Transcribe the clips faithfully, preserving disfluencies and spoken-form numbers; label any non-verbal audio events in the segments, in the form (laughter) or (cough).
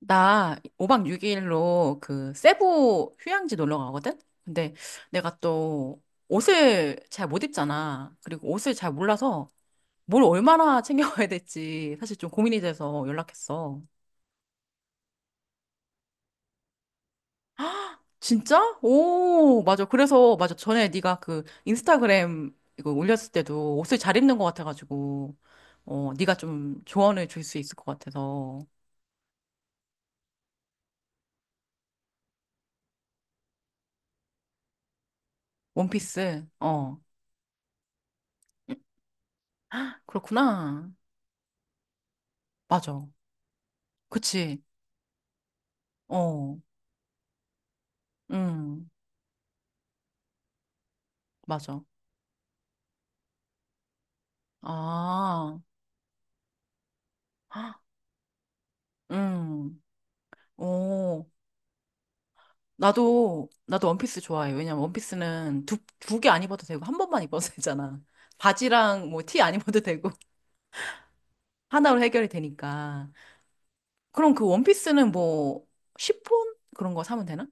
나 오 박 육 일로 그 세부 휴양지 놀러 가거든? 근데 내가 또 옷을 잘 못 입잖아. 그리고 옷을 잘 몰라서 뭘 얼마나 챙겨가야 될지 사실 좀 고민이 돼서 연락했어. 진짜? 오, 맞아. 그래서 맞아. 전에 네가 그 인스타그램 이거 올렸을 때도 옷을 잘 입는 것 같아가지고 어, 네가 좀 조언을 줄 수 있을 것 같아서 원피스. 어. 그렇구나. 맞아. 그치. 어. 음, 맞아. 아, 헉, 음, 오. 나도, 나도 원피스 좋아해. 왜냐면 원피스는 두, 두 개 안 입어도 되고, 한 번만 입어도 (laughs) 되잖아. 바지랑 뭐 티 안 입어도 되고, (laughs) 하나로 해결이 되니까. 그럼 그 원피스는 뭐, 시폰? 그런 거 사면 되나?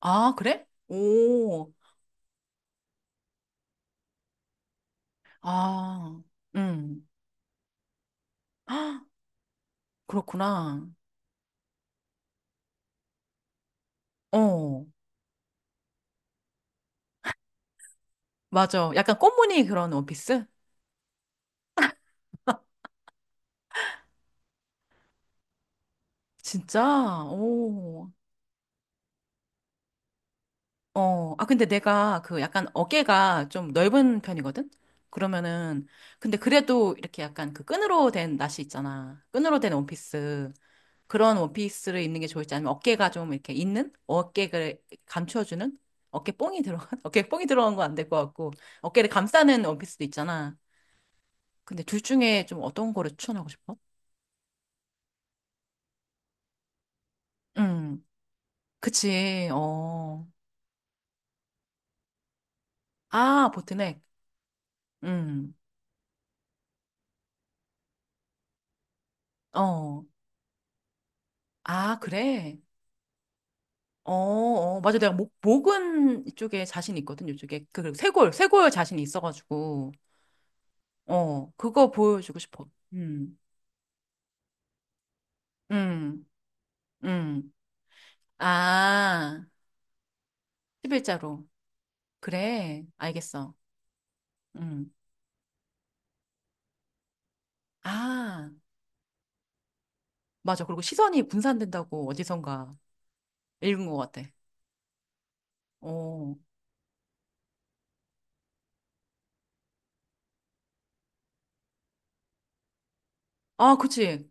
아, 그래? 오, 아, 음. 헉, (gasps) 그렇구나. 어, 맞아. 약간 꽃무늬 그런 원피스? 진짜? 오. 어, 아, 근데 내가 그 약간 어깨가 좀 넓은 편이거든? 그러면은, 근데 그래도 이렇게 약간 그 끈으로 된 나시 있잖아. 끈으로 된 원피스. 그런 원피스를 입는 게 좋을지 아니면 어깨가 좀 이렇게 있는? 어깨를 감춰주는? 어깨 뽕이 들어간? (laughs) 어깨 뽕이 들어간 건 안 될 것 같고. 어깨를 감싸는 원피스도 있잖아. 근데 둘 중에 좀 어떤 거를 추천하고 싶어? 음, 그치, 어. 아, 보트넥. 음, 어. 아, 그래? 어, 어, 맞아. 내가 목, 목은 이쪽에 자신 있거든, 이쪽에. 그, 그리고 쇄골, 쇄골 자신이 있어가지고. 어, 그거 보여주고 싶어. 음, 음, 음. 아, 십일 자로. 그래, 알겠어. 음. 아, 맞아. 그리고 시선이 분산된다고 어디선가 읽은 것 같아. 어. 아, 그치.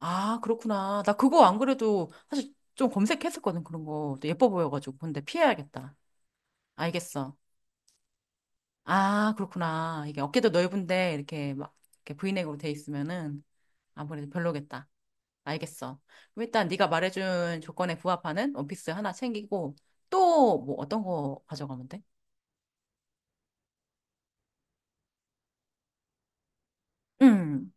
아, 그렇구나. 나 그거 안 그래도 사실 좀 검색했었거든, 그런 거. 또 예뻐 보여가지고. 근데 피해야겠다. 알겠어. 아, 그렇구나. 이게 어깨도 넓은데 이렇게 막 이렇게 브이넥으로 돼 있으면은 아무래도 별로겠다. 알겠어. 그럼 일단 네가 말해준 조건에 부합하는 원피스 하나 챙기고 또 뭐 어떤 거 가져가면 돼? 음.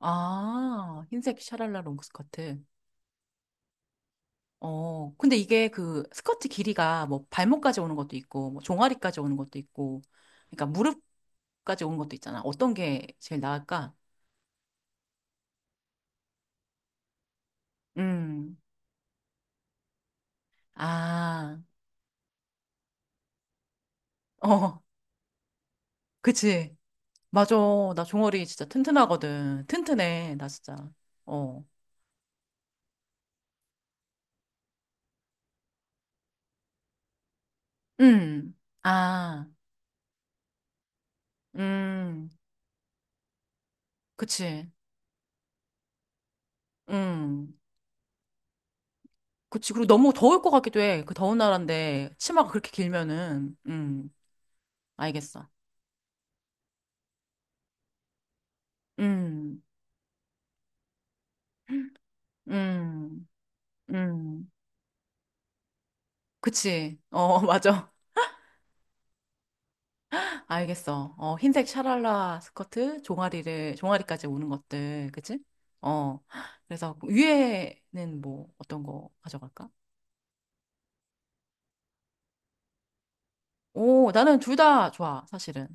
아, 흰색 샤랄라 롱 스커트. 어, 근데 이게 그 스커트 길이가 뭐 발목까지 오는 것도 있고 뭐 종아리까지 오는 것도 있고 그러니까 무릎까지 오는 것도 있잖아. 어떤 게 제일 나을까? 음. 아, 어, 그치. 맞아. 나 종아리 진짜 튼튼하거든. 튼튼해. 나 진짜. 어. 음. 아. 음. 그치. 음. 그치. 그리고 너무 더울 것 같기도 해. 그 더운 나라인데 치마가 그렇게 길면은. 음. 알겠어. 음. 음. 음. 그치. 어, (laughs) 맞아. 알겠어. 어, 흰색 샤랄라 스커트, 종아리를, 종아리까지 오는 것들. 그치? 어. 그래서 위에는 뭐 어떤 거 가져갈까? 오, 나는 둘 다 좋아, 사실은.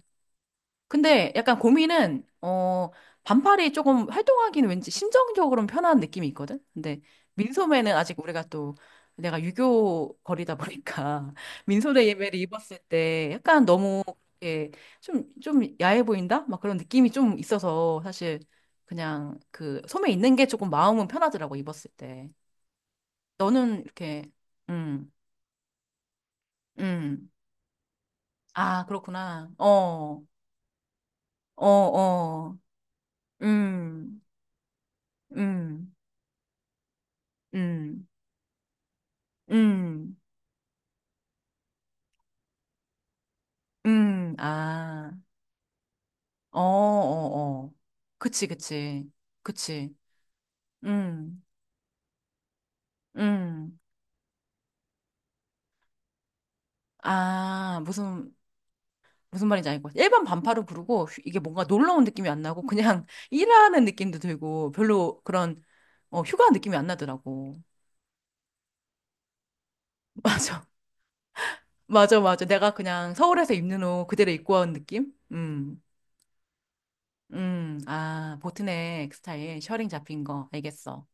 근데 약간 고민은, 어, 반팔이 조금 활동하기는 왠지 심정적으로는 편한 느낌이 있거든? 근데 민소매는 아직 우리가 또 내가 유교 거리다 보니까 (laughs) 민소매 예배를 입었을 때 약간 너무 이렇게 좀, 좀 야해 보인다? 막 그런 느낌이 좀 있어서 사실 그냥 그 소매 있는 게 조금 마음은 편하더라고, 입었을 때. 너는 이렇게, 음, 음. 아, 그렇구나. 어, 어, 어. 음, 음, 음, 음, 음, 아, 어, 어, 어. 그치, 그치, 그치. 음, 음. 아, 무슨, 무슨 말인지 알것 같아. 일반 반팔을 부르고 휘- 이게 뭔가 놀러 온 느낌이 안 나고 그냥 (laughs) 일하는 느낌도 들고 별로 그런 어, 휴가 느낌이 안 나더라고. (laughs) 맞아, 맞아, 맞아. 내가 그냥 서울에서 입는 옷 그대로 입고 온 느낌? 음, 음. 아, 보트넥 스타일, 셔링 잡힌 거. 알겠어.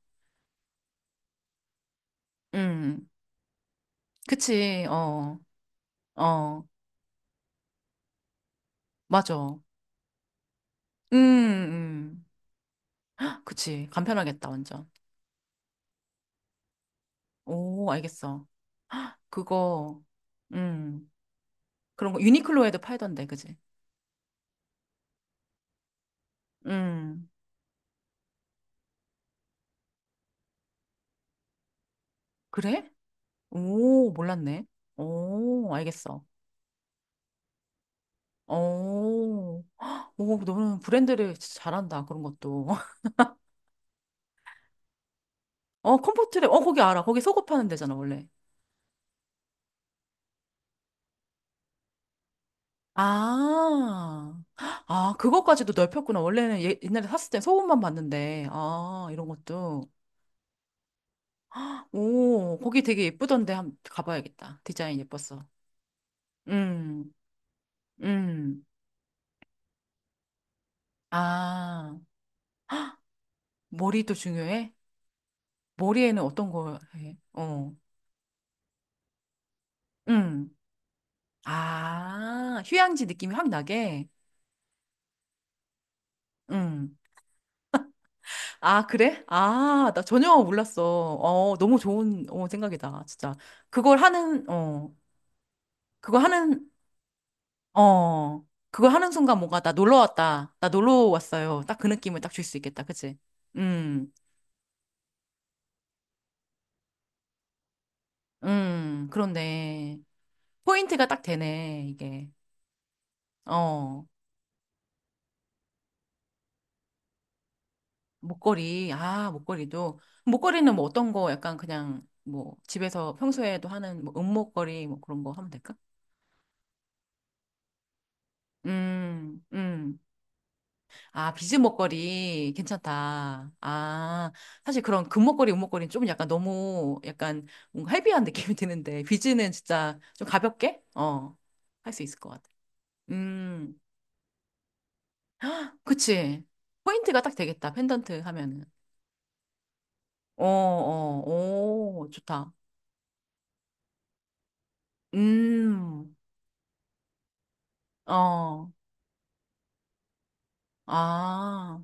음, 그치, 어, 어, 맞아. 음, 음, 그치, 간편하겠다, 완전. 오, 알겠어. 그거, 음, 그런 거 유니클로에도 팔던데, 그지? 음, 그래? 오, 몰랐네. 오, 알겠어. 오, 오, 너는 브랜드를 진짜 잘한다, 그런 것도. (laughs) 어, 컴포트랩, 어, 거기 알아. 거기 속옷 파는 데잖아, 원래. 아, 아, 그것까지도 넓혔구나. 원래는 예- 옛날에 샀을 때 소음만 봤는데, 아, 이런 것도. 오, 거기 되게 예쁘던데 한번 가봐야겠다. 디자인 예뻤어. 음, 음. 아, 머리도 중요해? 머리에는 어떤 걸 해? 어, 음. 아, 휴양지 느낌이 확 나게? 음. 아, 그래? 아, 나 전혀 몰랐어. 어, 너무 좋은 어, 생각이다. 진짜. 그걸 하는, 어. 그거 하는 어, 그걸 하는 순간 뭔가 나 놀러 왔다. 나 놀러 왔어요. 딱 그 느낌을 딱 줄 수 있겠다. 그치? 음, 음, 그런데 포인트가 딱 되네, 이게. 어, 목걸이. 아, 목걸이도. 목걸이는 뭐 어떤 거 약간 그냥 뭐 집에서 평소에도 하는 뭐 은목걸이 뭐 그런 거 하면 될까? 음, 음. 아, 비즈 목걸이 괜찮다. 아, 사실 그런 금목걸이, 은목걸이는 좀 약간 너무 약간 뭔가 헤비한 (laughs) 느낌이 드는데 비즈는 진짜 좀 가볍게 어, 할 수 있을 것 같아. 음, 그치. 포인트가 딱 되겠다. 펜던트 하면은. 어, 어, 오, 좋다. 음, 어, 아.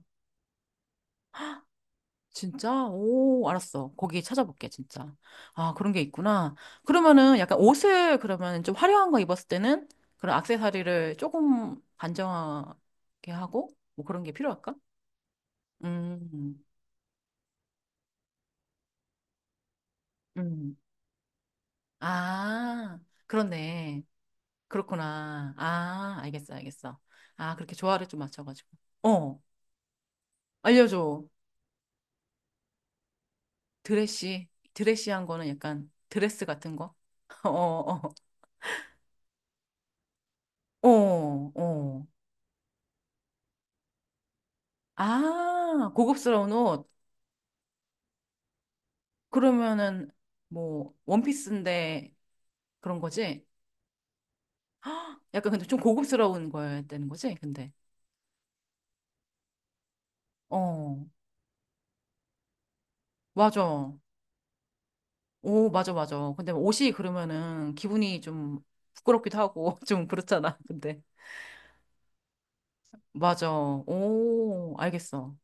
진짜? 오, 알았어. 거기 찾아볼게, 진짜. 아, 그런 게 있구나. 그러면은 약간 옷을 그러면 좀 화려한 거 입었을 때는 그런 액세서리를 조금 단정하게 하고 뭐 그런 게 필요할까? 음, 음. 아, 그렇네. 그렇구나. 아, 알겠어, 알겠어. 아, 그렇게 조화를 좀 맞춰가지고. 어, 알려줘. 드레시, 드레시한 거는 약간 드레스 같은 거? (laughs) 어, 어, 어, 어. 아, 고급스러운 옷. 그러면은 뭐 원피스인데 그런 거지? 약간 근데 좀 고급스러운 거였다는 거지? 근데. 어, 맞아. 오, 맞아, 맞아. 근데 옷이 그러면은 기분이 좀 부끄럽기도 하고 (laughs) 좀 그렇잖아. 근데. 맞아. 오, 알겠어.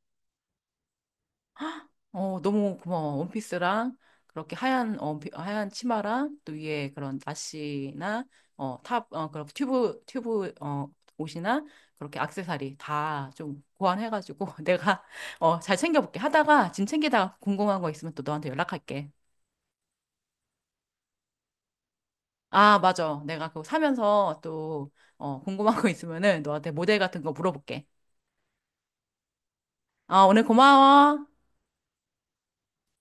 어, 너무 고마워. 원피스랑 그렇게 하얀 어, 비- 하얀 치마랑 또 위에 그런 나시나 어, 탑 어, 그런 튜브 튜브 어, 옷이나 그렇게 액세서리 다 좀 고안해가지고 (laughs) 내가 어, 잘 챙겨볼게. 하다가 짐 챙기다가 궁금한 거 있으면 또 너한테 연락할게. 아, 맞아. 내가 그거 사면서 또 어, 궁금한 거 있으면은 너한테 모델 같은 거 물어볼게. 아, 오늘 고마워.